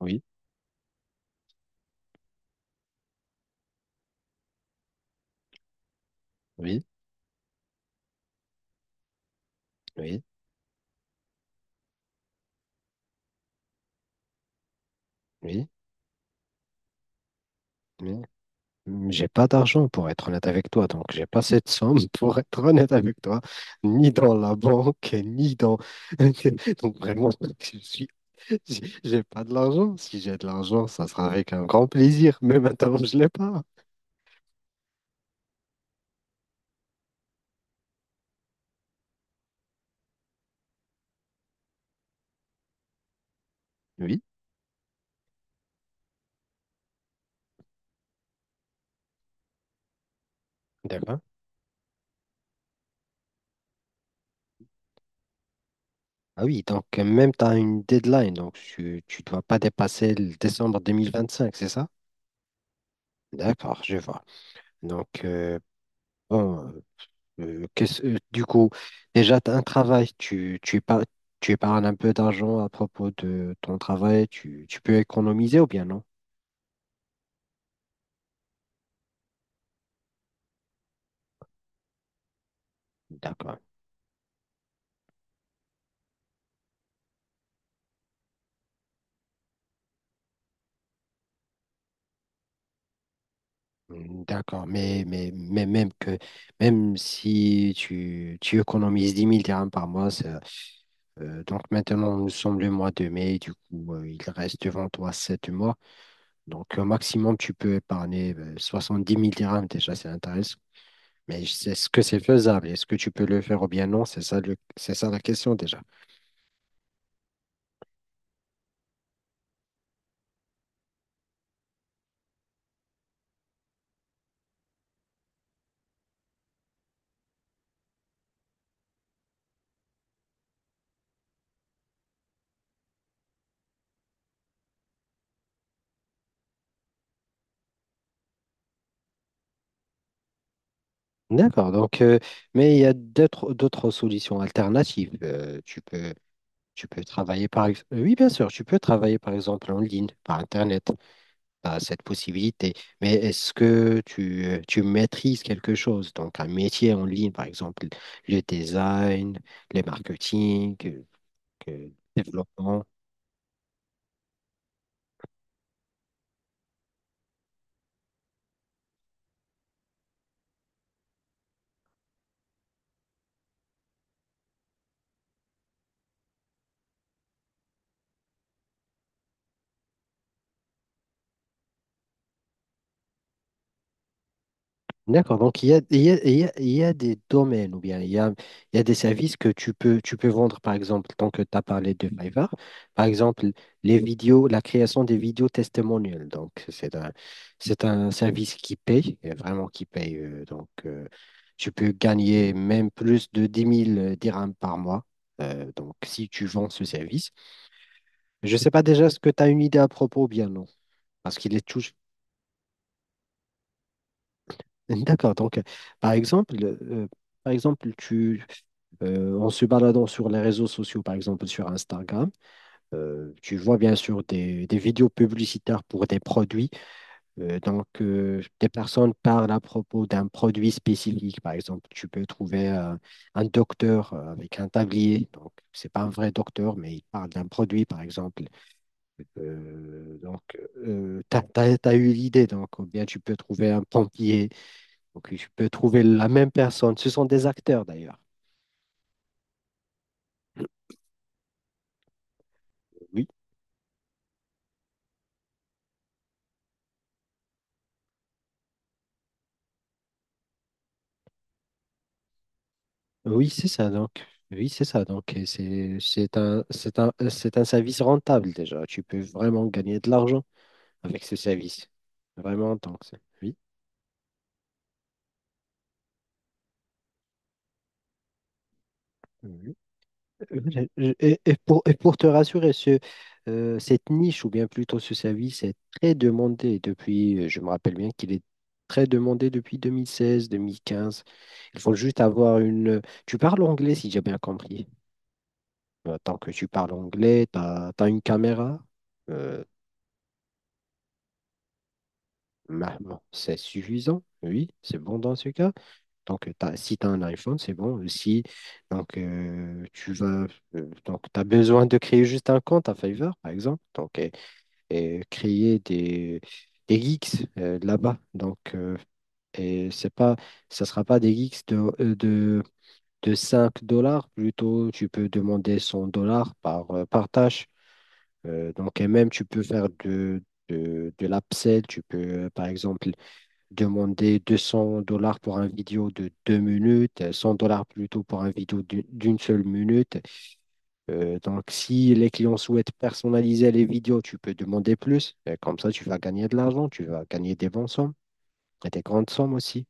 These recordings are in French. Oui, oui, oui, oui, mais j'ai pas d'argent pour être honnête avec toi, donc j'ai pas cette somme pour être honnête avec toi, ni dans la banque, ni dans. Donc vraiment, je suis, j'ai pas de l'argent. Si j'ai de l'argent, ça sera avec un grand plaisir, mais maintenant je l'ai pas. Oui, d'accord. Ah oui, donc même tu as une deadline, donc tu dois pas dépasser le décembre 2025, c'est ça? D'accord, je vois. Donc, bon. Du coup, déjà, tu as un travail, tu épargnes, tu épargnes un peu d'argent à propos de ton travail, tu peux économiser ou bien non? D'accord. Mm, d'accord, même que même si tu économises 10 000 dirhams par mois. Donc maintenant nous sommes le mois de mai, du coup il reste devant toi 7 mois, donc au maximum tu peux épargner 10 000 dirhams déjà, c'est intéressant. Mais est-ce que c'est faisable? Est-ce que tu peux le faire ou bien non? C'est ça le, c'est ça la question déjà. D'accord. Donc, mais il y a d'autres solutions alternatives. Tu peux travailler par ex- Oui, bien sûr, tu peux travailler par exemple en ligne par Internet. Tu as cette possibilité. Mais est-ce que tu maîtrises quelque chose? Donc un métier en ligne, par exemple le design, le marketing, le développement. D'accord, donc il y a des domaines ou bien il y a des services que tu peux vendre, par exemple, tant que tu as parlé de Fiverr, par exemple, les vidéos, la création des vidéos testimoniales. Donc, c'est un service qui paye, et vraiment qui paye. Donc, tu peux gagner même plus de 10 000 dirhams par mois. Donc, si tu vends ce service, je ne sais pas déjà ce que tu as une idée à propos ou bien non, parce qu'il est tout. D'accord, donc, par exemple, euh, par exemple, en se baladant sur les réseaux sociaux, par exemple sur Instagram, tu vois bien sûr des vidéos publicitaires pour des produits. Des personnes parlent à propos d'un produit spécifique. Par exemple, tu peux trouver un docteur avec un tablier. Donc, c'est pas un vrai docteur, mais il parle d'un produit, par exemple. Euh, donc, t'as eu l'idée. Donc, ou bien tu peux trouver un pompier. Donc, tu peux trouver la même personne. Ce sont des acteurs, d'ailleurs. Oui, oui, c'est ça donc. Oui, c'est ça donc. Et c'est un service rentable déjà. Tu peux vraiment gagner de l'argent avec ce service. Vraiment donc oui. Oui. Euh, et pour te rassurer, ce cette niche ou bien plutôt ce service est très demandé depuis. Je me rappelle bien qu'il est très demandé depuis 2016, 2015. Il faut juste avoir une. Tu parles anglais si j'ai bien compris. Tant que tu parles anglais, t'as as une caméra. euh, Bah, bon, c'est suffisant, oui, c'est bon dans ce cas. Donc, si tu as un iPhone, c'est bon. Si Donc, tu as besoin de créer juste un compte à Fiverr, par exemple, donc, et créer des geeks là-bas. Donc, et c'est pas, ça sera pas des geeks de 5 dollars. Plutôt, tu peux demander 100 dollars par, par tâche. Donc, et même, tu peux faire de l'upsell. Tu peux, par exemple, demander 200 dollars pour un vidéo de 2 minutes, 100 dollars plutôt pour un vidéo d'une seule minute. Donc, si les clients souhaitent personnaliser les vidéos, tu peux demander plus. Comme ça, tu vas gagner de l'argent, tu vas gagner des bonnes sommes et des grandes sommes aussi.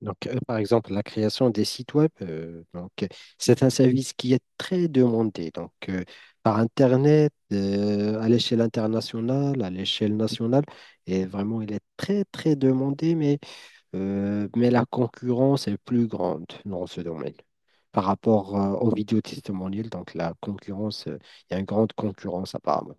Donc, par exemple, la création des sites web, c'est un service qui est très demandé. Donc, par Internet, à l'échelle internationale, à l'échelle nationale, et vraiment, il est très, très demandé, mais la concurrence est plus grande dans ce domaine par rapport aux vidéos testimoniales. Donc, la concurrence, il y a une grande concurrence apparemment.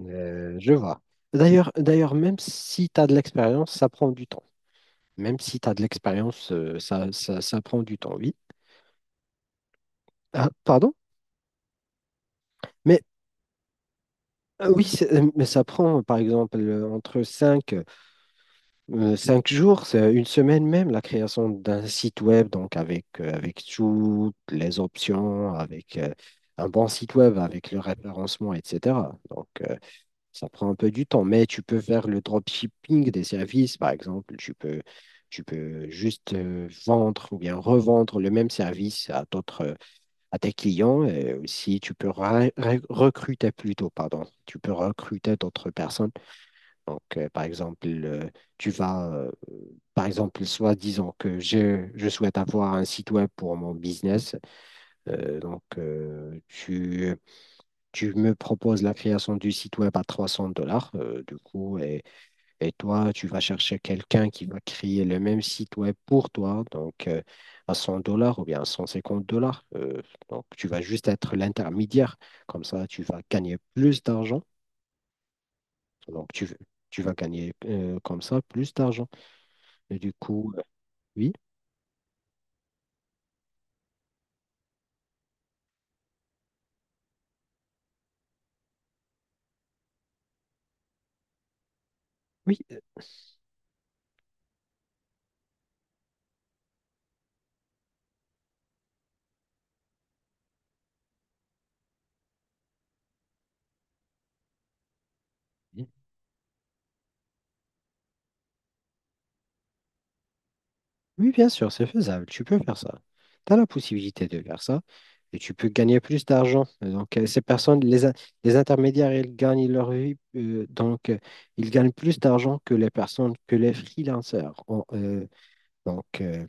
Je vois. D'ailleurs, d'ailleurs, même si tu as de l'expérience, ça prend du temps. Même si tu as de l'expérience, ça prend du temps, oui. Ah, pardon? Mais oui, mais ça prend, par exemple, entre 5 5 jours, c'est une semaine même, la création d'un site web, donc avec, avec toutes les options, avec un bon site web, avec le référencement, etc. Donc, ça prend un peu du temps, mais tu peux faire le dropshipping des services, par exemple. Tu peux juste vendre ou bien revendre le même service à d'autres, à tes clients. Et aussi, tu peux recruter plutôt, pardon. Tu peux recruter d'autres personnes, donc, tu vas, euh, par exemple, soit disons que je souhaite avoir un site web pour mon business. Euh, donc, euh, tu, Tu me proposes la création du site web à 300 dollars, du coup, et toi, tu vas chercher quelqu'un qui va créer le même site web pour toi, donc à 100 dollars ou bien à 150 dollars. Donc, tu vas juste être l'intermédiaire. Comme ça, tu vas gagner plus d'argent. Donc, tu vas gagner comme ça plus d'argent. Et du coup, oui, oui, oui, oui, bien sûr, c'est faisable. Tu peux faire ça. Tu as la possibilité de faire ça et tu peux gagner plus d'argent. Et donc, ces personnes, les intermédiaires, ils gagnent leur vie. Donc, ils gagnent plus d'argent que les personnes, que les freelancers. Ont, donc, euh,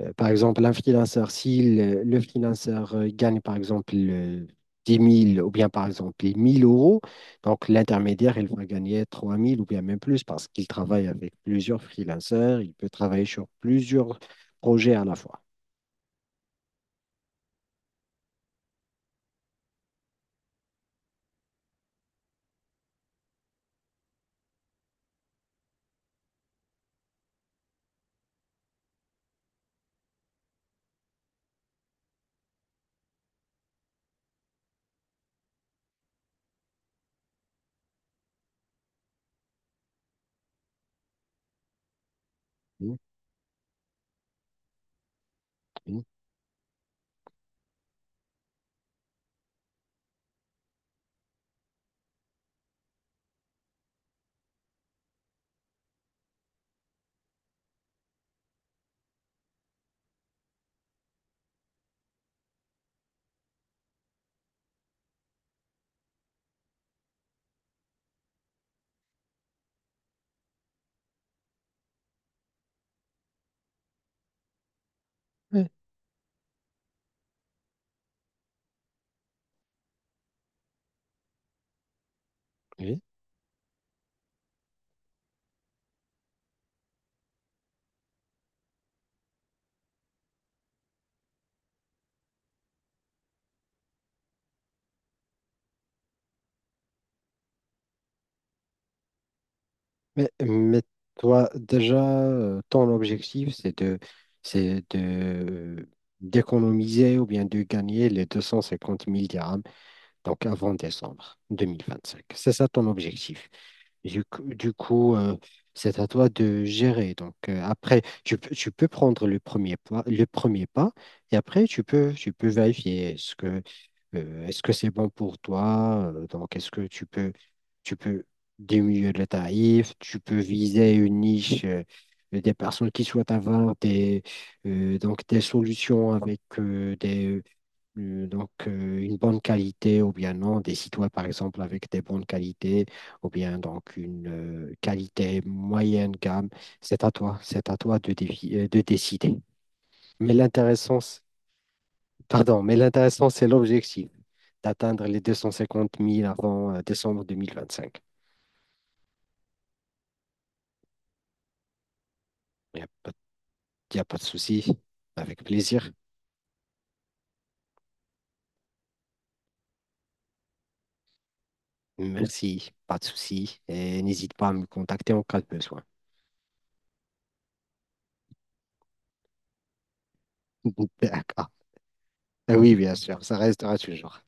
Par exemple, un freelanceur, si le, le freelanceur gagne par exemple 10 000 ou bien par exemple 1000 euros, donc l'intermédiaire, il va gagner 3000 ou bien même plus parce qu'il travaille avec plusieurs freelanceurs, il peut travailler sur plusieurs projets à la fois. Mm, mm, ouais, oui. Mais, toi, déjà, ton objectif, c'est de, c'est de, d'économiser ou bien de gagner les 250 000 dirhams, donc avant décembre 2025. C'est ça ton objectif. Du, coup, du coup, euh, c'est à toi de gérer. Donc après, tu peux prendre le premier pas, et après tu peux vérifier est-ce que c'est bon pour toi? Donc, est-ce que tu peux diminuer le tarif, tu peux viser une niche. Des personnes qui souhaitent avoir des, donc des solutions avec une bonne qualité ou bien non, des sites web, par exemple, avec des bonnes qualités ou bien donc une qualité moyenne gamme. C'est à toi, c'est à toi de, de décider. Mais l'intéressant, pardon, mais l'intéressant, c'est l'objectif d'atteindre les 250 000 avant décembre 2025. Il n'y a pas, y a pas de souci, avec plaisir. Merci, pas de souci. Et n'hésite pas à me contacter en cas de besoin. D'accord. Oui, bien sûr, ça restera toujours.